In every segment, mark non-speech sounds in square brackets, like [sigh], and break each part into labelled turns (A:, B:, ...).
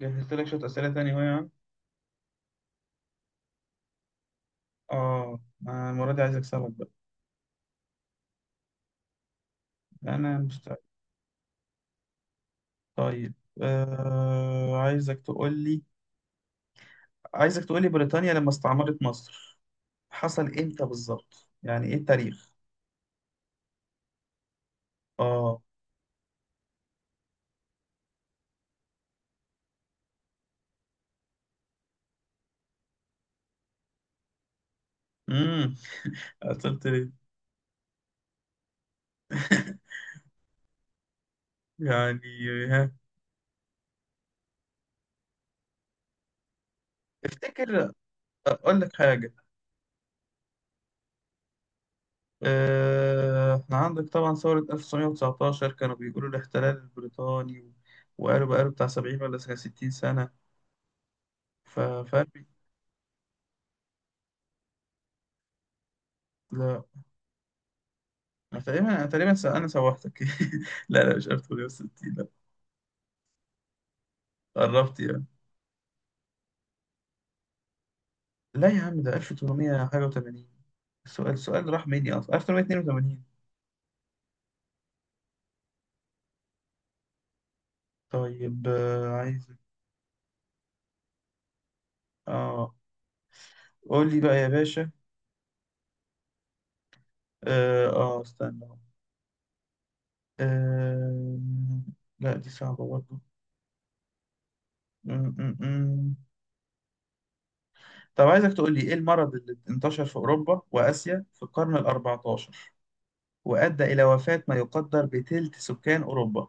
A: جهزت لك شوية أسئلة تانية أهو يا عم. آه. أنا المرة دي عايز أكسبك بقى. أنا مستعد. طيب طيب، عايزك تقول لي، بريطانيا لما استعمرت مصر حصل إمتى بالظبط؟ يعني إيه التاريخ؟ آه. امم قلت ليه؟ [laughs] يعني، ها، افتكر، أقول لك حاجة. إحنا عندك طبعا ثورة 1919 كانوا بيقولوا الاحتلال البريطاني، وقالوا بقاله بتاع 70 ولا 60 سنة. ف... ف... لا. أنا تقريبا أنا سوحتك. [laughs] لا لا مش 1860. لا، قربت يعني. لا يا عم ده 1800 حاجة و80. السؤال راح مني أصلا. 1882. طيب، عايز. آه قول لي بقى يا باشا. استنى. آه لا دي صعبة برضه. م- م- م. طب عايزك تقول لي إيه المرض اللي انتشر في أوروبا وآسيا في القرن ال 14 وأدى إلى وفاة ما يقدر بتلت سكان أوروبا.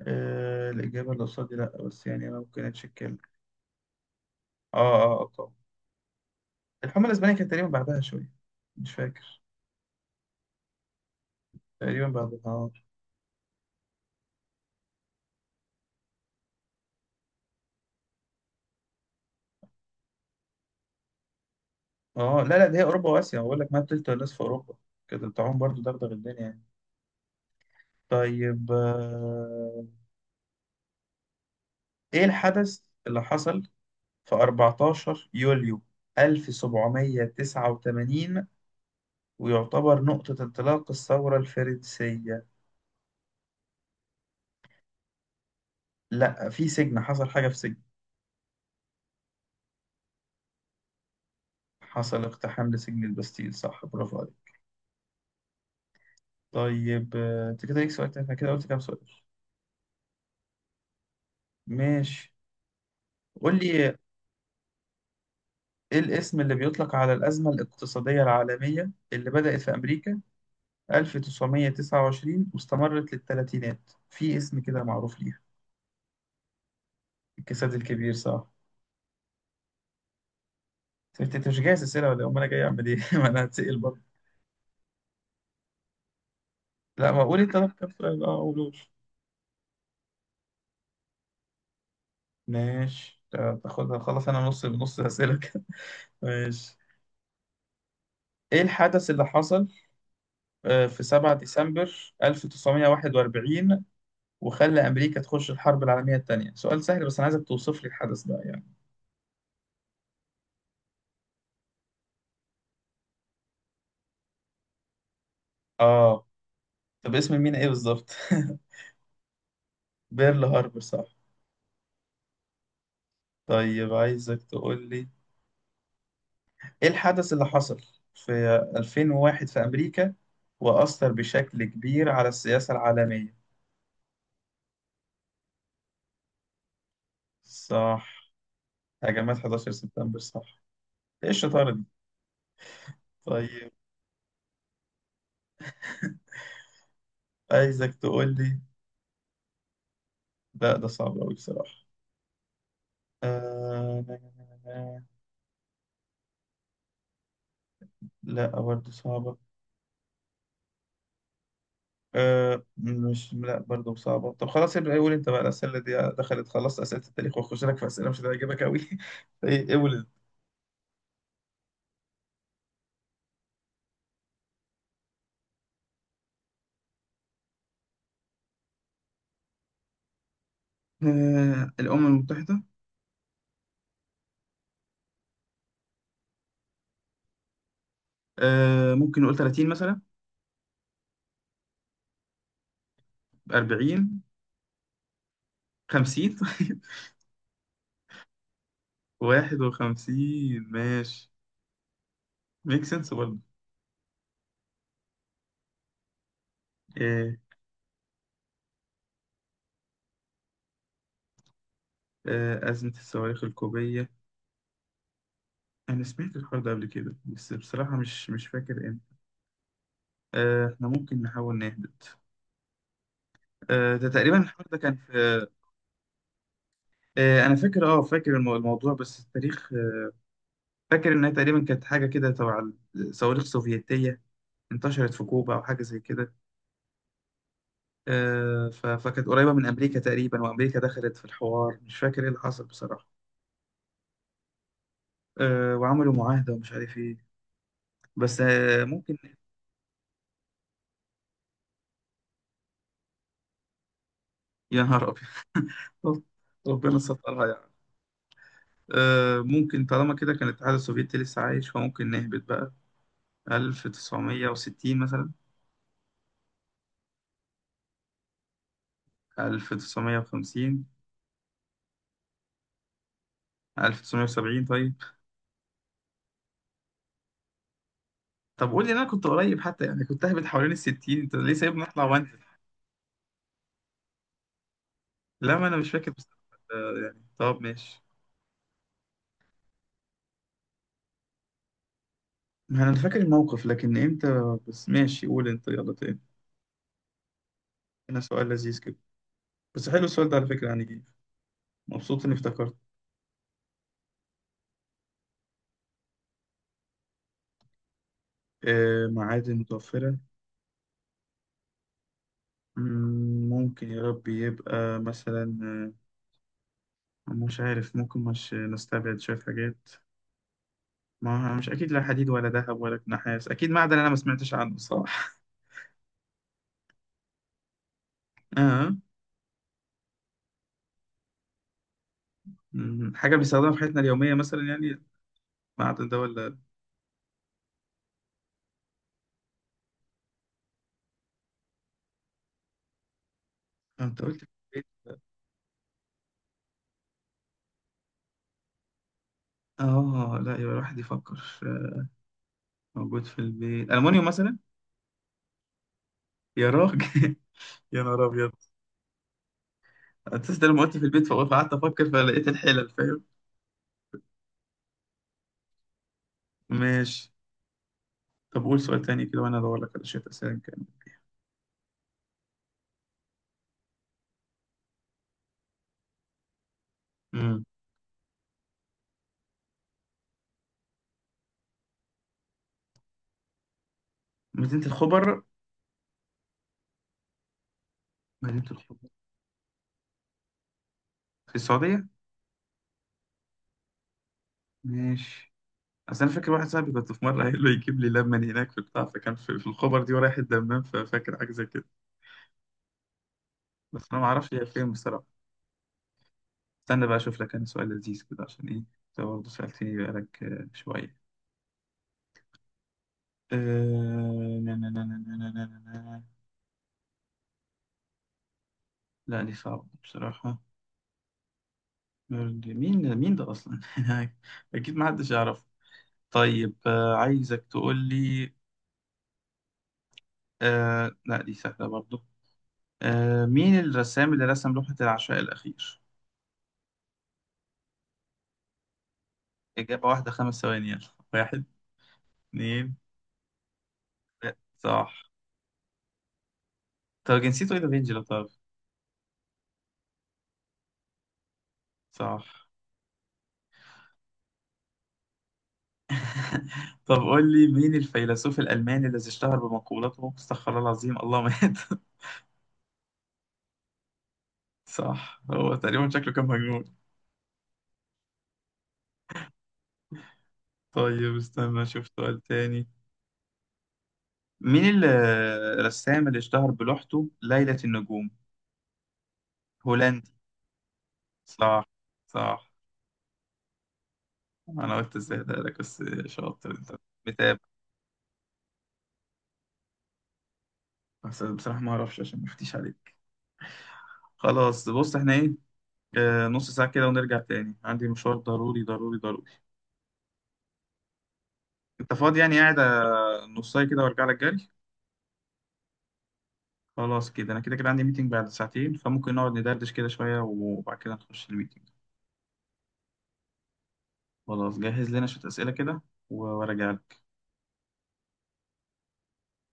A: الإجابة اللي قصادي لأ، بس يعني أنا ممكن أتشك آه آه طبعا. الحملة الإسبانية كانت تقريبا بعدها شوية. مش فاكر. تقريبا بعدها. لا لا دي هي أوروبا وآسيا، بقول لك ما تلت الناس في أوروبا كده بتاعهم برضو دغدغ الدنيا يعني. طيب، إيه الحدث اللي حصل في 14 يوليو 1789 ويعتبر نقطة انطلاق الثورة الفرنسية؟ لأ، في سجن، حصل حاجة في سجن. حصل اقتحام لسجن البستيل، صح، برافو. طيب، انت كده ليك سؤال تاني، احنا كده قلت كام سؤال؟ ماشي. قول لي ايه الاسم اللي بيطلق على الأزمة الاقتصادية العالمية اللي بدأت في أمريكا 1929 واستمرت للثلاثينات، في اسم كده معروف ليها. الكساد الكبير صح. انت مش جاهز أسئلة ولا إيه؟ أمال أنا جاي أعمل إيه؟ [laughs] ما أنا هتسأل برضه. لا، ما قول أنت كام سؤال؟ أه قولوش. ماشي، تاخدها خلاص. أنا نص نص أسئلة كده. [laughs] ماشي. ايه الحدث اللي حصل في 7 ديسمبر 1941 وخلى أمريكا تخش الحرب العالمية التانية؟ سؤال سهل، بس أنا عايزك توصف لي الحدث ده يعني. آه. طب اسم المينا إيه بالظبط؟ [laughs] بيرل هاربور صح. طيب عايزك تقول لي إيه الحدث اللي حصل في 2001 في أمريكا وأثر بشكل كبير على السياسة العالمية؟ صح. هجمات 11 سبتمبر صح. إيه الشطارة دي؟ طيب عايزك تقول لي. لا ده صعب أوي بصراحة. آه... لا برضه صعبة. أه مش، لا برضه صعبة. طب خلاص ابدأ قول انت بقى الأسئلة دي. دخلت خلاص أسئلة التاريخ وأخش لك في أسئلة مش هتعجبك أوي. [laughs] إيه، قول انت. أه الأمم المتحدة. أه ممكن نقول 30 مثلا. 40. 50. 51. [laughs] ماشي، ميك سنس برضه. أه أه أزمة الصواريخ الكوبية. أنا سمعت الحوار ده قبل كده، بس بصراحة مش فاكر امتى. أه احنا ممكن نحاول نهبط. أه ده تقريبا الحوار ده كان في انا فاكر، فاكر الموضوع، بس التاريخ فاكر انها تقريبا كانت حاجه كده تبع الصواريخ السوفيتيه انتشرت في كوبا او حاجه زي كده. فكانت قريبه من امريكا تقريبا، وامريكا دخلت في الحوار، مش فاكر ايه اللي حصل بصراحه. وعملوا معاهده ومش عارف ايه، بس ممكن. يا نهار ابيض. [laughs] ربنا سترها يعني. ممكن طالما كده كان الاتحاد السوفيتي لسه عايش فممكن نهبط بقى. 1960 مثلا. 1950. 1970 طيب. طب قول لي إن انا كنت قريب حتى، يعني كنت اهبط حوالين الستين، انت ليه سايبني اطلع وانزل؟ لا، ما انا مش فاكر بس. يعني طب ماشي. ما انا فاكر الموقف لكن امتى بس. ماشي قول انت يلا تاني. هنا سؤال لذيذ كده، بس حلو السؤال ده على فكرة يعني جه. مبسوط اني افتكرت. آه معادن متوفرة. ممكن يا رب يبقى مثلا مش عارف، ممكن مش نستبعد شوية حاجات. ما مش أكيد لا حديد ولا ذهب ولا نحاس، أكيد معدن أنا ما سمعتش عنه، صح. [laughs] آه. حاجة بنستخدمها في حياتنا اليومية مثلا يعني، بعد ده ولا؟ انت قلت في البيت. اه لا يبقى الواحد يفكر. موجود في البيت المونيوم مثلا. يا راجل [laughs] يا نهار ابيض. اساس لما قلت في البيت فقعدت افكر فلقيت الحلل، فاهم. ماشي. طب قول سؤال تاني كده وانا ادور لك على شويه اسئله كان. امم مدينه الخبر. مدينه الخبر في السعوديه. ماشي. اصل انا فاكر واحد صاحبي كنت في مره قايل له يجيب لي لبن هناك في البتاع، فكان في الخبر دي ورايح الدمام، ففاكر حاجه زي كده. بس انا ما اعرفش هي فين بصراحه. استنى بقى اشوف لك انا سؤال لذيذ كده عشان ايه انت برضه سألتني بقالك شوية. آه، نا- نا- نا- نا- نا- نا- نا- نا- نا. لا دي صعبة بصراحة. مين، ده أصلا؟ [laughs] أكيد ما حدش يعرف. طيب، عايزك تقول لي. لا دي سهلة برضه. مين الرسام اللي رسم لوحة العشاء الأخير؟ إجابة واحدة، 5 ثواني، يلا. واحد. اتنين. تلاتة. صح. طب جنسيته إيه؟ ده فينجي لو تعرف. صح. طب قول لي مين الفيلسوف الألماني الذي اشتهر بمقولته استغفر الله العظيم الله مات؟ [laughs] صح. هو تقريبا شكله كان مجنون. طيب استنى اشوف سؤال تاني. مين الرسام اللي اشتهر بلوحته ليلة النجوم؟ هولندي. صح. صح. انا قلت ازاي ده لك، بس شاطر انت، متابع. بس بصراحة ما اعرفش عشان ما افتيش عليك. خلاص بص احنا ايه، نص ساعة كده ونرجع تاني، عندي مشوار ضروري ضروري ضروري. انت فاضي يعني قاعد؟ نص ساعة كده وارجع لك جري. خلاص كده انا كده كده عندي ميتنج بعد ساعتين فممكن نقعد ندردش كده شوية وبعد كده نخش الميتنج. خلاص جهز لنا شوية أسئلة كده وراجع.